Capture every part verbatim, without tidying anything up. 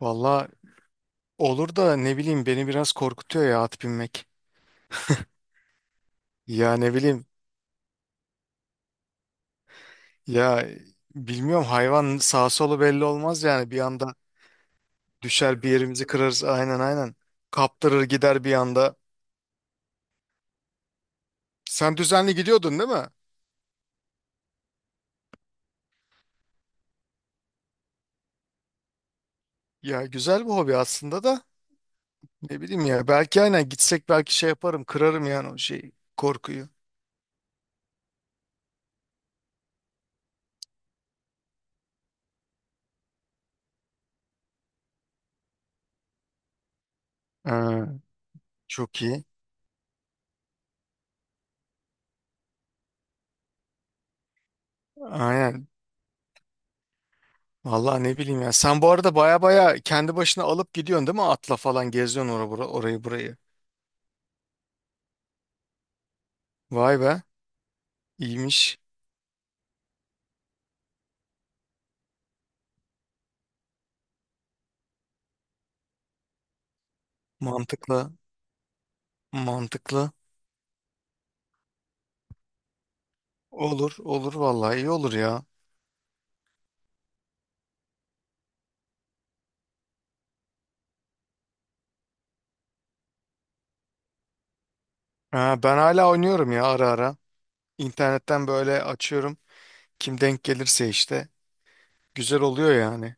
Valla olur da ne bileyim beni biraz korkutuyor ya at binmek. Ya ne bileyim ya bilmiyorum, hayvan sağ solu belli olmaz, yani bir anda düşer bir yerimizi kırarız, aynen aynen. Kaptırır gider bir anda. Sen düzenli gidiyordun değil mi? Ya güzel bir hobi aslında da ne bileyim ya, belki aynen gitsek belki şey yaparım, kırarım yani o şey korkuyu. Ha, çok iyi. Aynen. Valla ne bileyim ya. Sen bu arada baya baya kendi başına alıp gidiyorsun değil mi? Atla falan geziyorsun orayı, orayı burayı. Vay be. İyiymiş. Mantıklı. Mantıklı. Olur. Olur vallahi, iyi olur ya. Ha, ben hala oynuyorum ya ara ara. İnternetten böyle açıyorum. Kim denk gelirse işte. Güzel oluyor yani.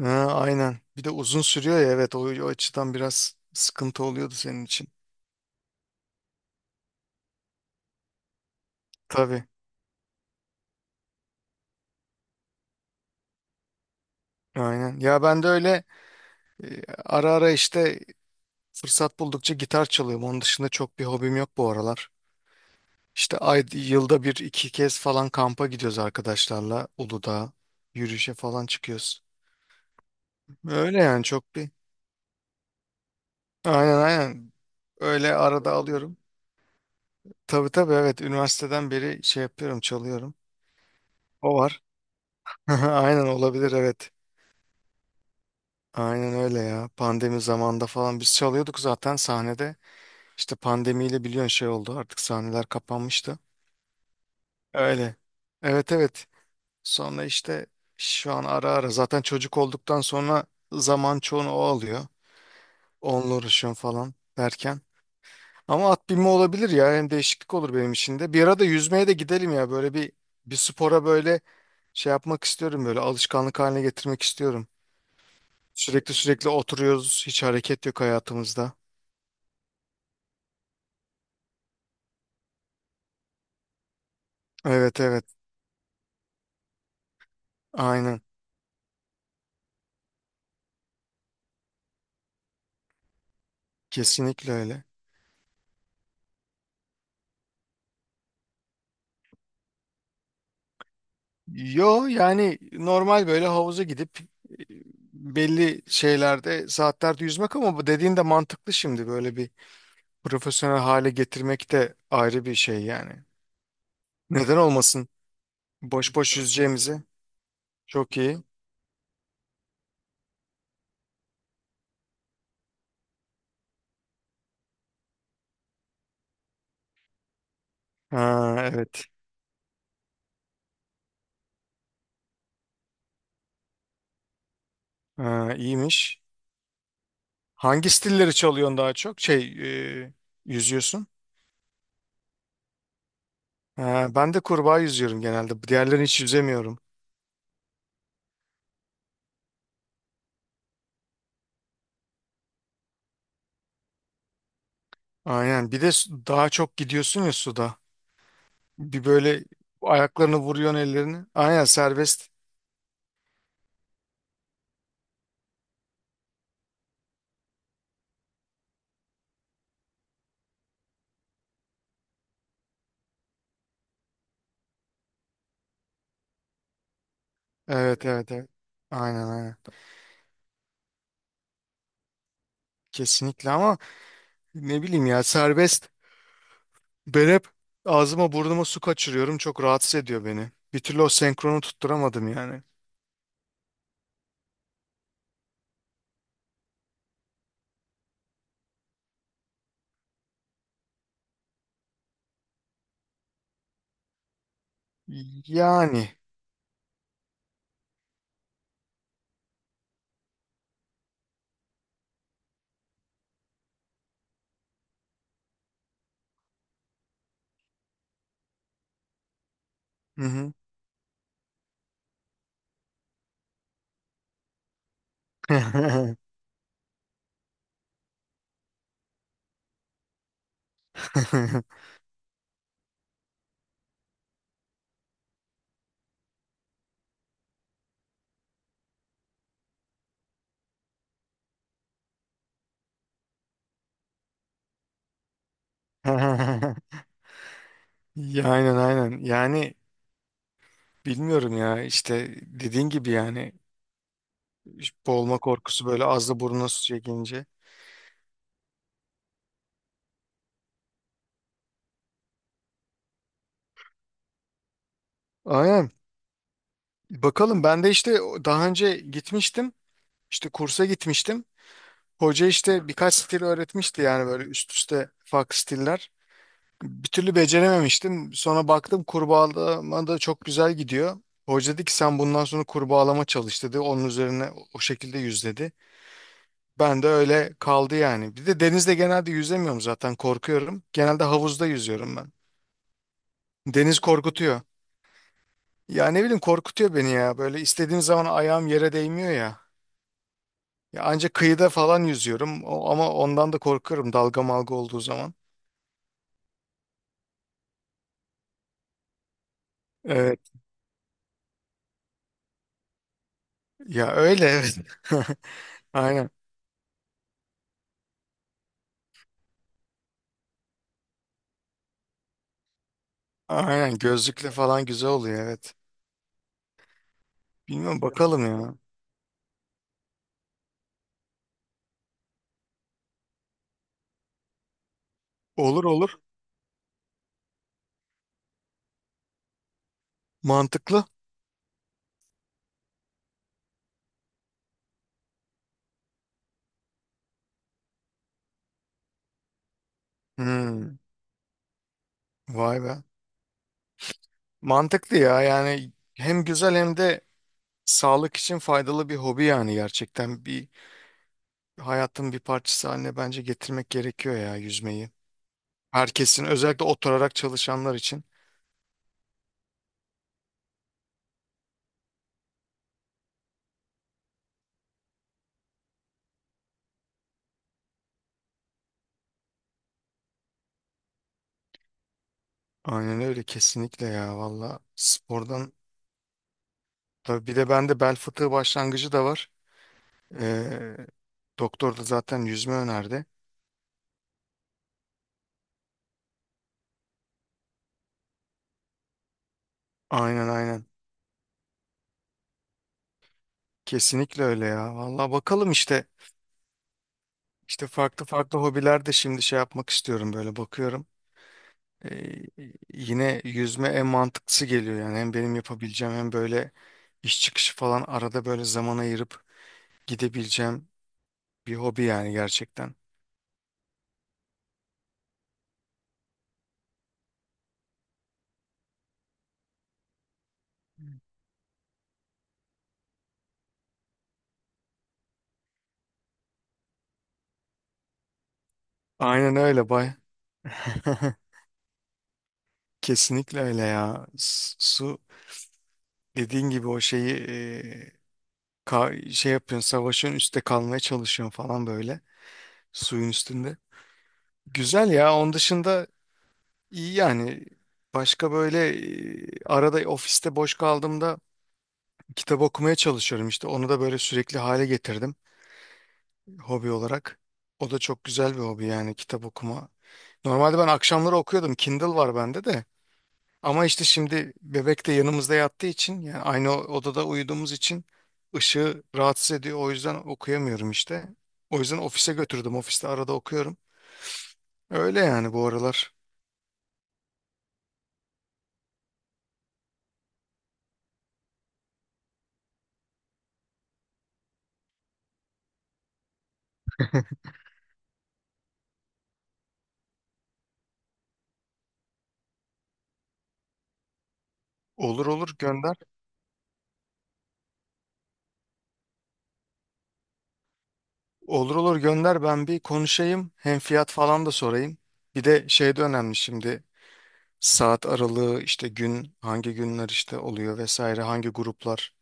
Ha, aynen. Bir de uzun sürüyor ya, evet o, o açıdan biraz sıkıntı oluyordu senin için. Tabii. Aynen. Ya ben de öyle e, ara ara işte fırsat buldukça gitar çalıyorum. Onun dışında çok bir hobim yok bu aralar. İşte ay, yılda bir iki kez falan kampa gidiyoruz arkadaşlarla. Uludağ yürüyüşe falan çıkıyoruz. Öyle yani, çok bir. Aynen aynen. Öyle arada alıyorum. Tabii tabii, evet üniversiteden beri şey yapıyorum, çalıyorum. O var. Aynen, olabilir evet. Aynen öyle ya. Pandemi zamanında falan biz çalıyorduk zaten sahnede. İşte pandemiyle biliyorsun şey oldu, artık sahneler kapanmıştı. Öyle. Evet evet. Sonra işte şu an ara ara zaten çocuk olduktan sonra zaman çoğunu o alıyor. Onunla uğraşıyorum falan derken. Ama at binme olabilir ya, hem değişiklik olur benim için de. Bir ara da yüzmeye de gidelim ya, böyle bir bir spora böyle şey yapmak istiyorum, böyle alışkanlık haline getirmek istiyorum. Sürekli sürekli oturuyoruz, hiç hareket yok hayatımızda. Evet evet, aynen, kesinlikle öyle. Yo yani normal böyle havuza gidip e, belli şeylerde, saatlerde yüzmek, ama bu dediğin de mantıklı şimdi, böyle bir profesyonel hale getirmek de ayrı bir şey yani. Neden olmasın? Boş boş yüzeceğimizi. Çok iyi. Ha, evet. Ha, iyiymiş. Hangi stilleri çalıyorsun daha çok? Şey, e, yüzüyorsun. Ha, ben de kurbağa yüzüyorum genelde. Diğerlerini hiç yüzemiyorum. Aynen. Bir de su- daha çok gidiyorsun ya suda. Bir böyle ayaklarını vuruyorsun, ellerini. Aynen, serbest. Evet evet evet. Aynen aynen. Kesinlikle, ama ne bileyim ya, serbest. Ben hep ağzıma burnuma su kaçırıyorum. Çok rahatsız ediyor beni. Bir türlü o senkronu tutturamadım yani. Yani. Hı hı. Ya, aynen aynen. Yani bilmiyorum ya, işte dediğin gibi yani boğulma korkusu böyle ağızla burnuna su çekince. Aynen. Bakalım, ben de işte daha önce gitmiştim. İşte kursa gitmiştim. Hoca işte birkaç stil öğretmişti yani böyle üst üste farklı stiller. Bir türlü becerememiştim. Sonra baktım kurbağalama da çok güzel gidiyor. Hoca dedi ki sen bundan sonra kurbağalama çalış dedi. Onun üzerine o o şekilde yüz dedi. Ben de öyle kaldı yani. Bir de denizde genelde yüzemiyorum, zaten korkuyorum. Genelde havuzda yüzüyorum ben. Deniz korkutuyor. Ya ne bileyim, korkutuyor beni ya. Böyle istediğim zaman ayağım yere değmiyor ya. Ya ancak kıyıda falan yüzüyorum, O- ama ondan da korkarım dalga malga olduğu zaman. Evet. Ya öyle, evet. Aynen. Aynen, gözlükle falan güzel oluyor evet. Bilmiyorum, bakalım ya. Olur olur. Mantıklı. Hmm. Vay be. Mantıklı ya, yani hem güzel hem de sağlık için faydalı bir hobi yani, gerçekten bir hayatın bir parçası haline bence getirmek gerekiyor ya yüzmeyi. Herkesin, özellikle oturarak çalışanlar için. Aynen öyle, kesinlikle ya valla spordan. Tabii bir de bende bel fıtığı başlangıcı da var. Ee, Doktor da zaten yüzme önerdi. Aynen aynen. Kesinlikle öyle ya. Vallahi bakalım işte. İşte farklı farklı hobiler de şimdi şey yapmak istiyorum, böyle bakıyorum. Ee, Yine yüzme en mantıklısı geliyor yani. Hem benim yapabileceğim hem böyle iş çıkışı falan arada böyle zaman ayırıp gidebileceğim bir hobi yani gerçekten. Aynen öyle, bay. Kesinlikle öyle ya. S- su dediğin gibi o şeyi e, ka- şey yapıyorsun, savaşın, üstte kalmaya çalışıyorsun falan, böyle suyun üstünde. Güzel ya. Onun dışında iyi yani. Başka böyle e, arada ofiste boş kaldığımda kitap okumaya çalışıyorum işte. Onu da böyle sürekli hale getirdim hobi olarak. O da çok güzel bir hobi yani, kitap okuma. Normalde ben akşamları okuyordum. Kindle var bende de. Ama işte şimdi bebek de yanımızda yattığı için, yani aynı odada uyuduğumuz için ışığı rahatsız ediyor. O yüzden okuyamıyorum işte. O yüzden ofise götürdüm. Ofiste arada okuyorum. Öyle yani bu aralar. Olur olur, gönder. Olur olur, gönder, ben bir konuşayım. Hem fiyat falan da sorayım. Bir de şey de önemli şimdi. Saat aralığı, işte gün, hangi günler işte oluyor vesaire, hangi gruplar.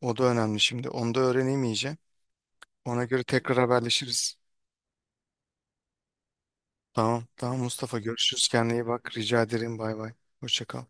O da önemli şimdi. Onu da öğreneyim iyice. Ona göre tekrar haberleşiriz. Tamam. Tamam Mustafa, görüşürüz. Kendine iyi bak. Rica ederim. Bay bay. Hoşça kal.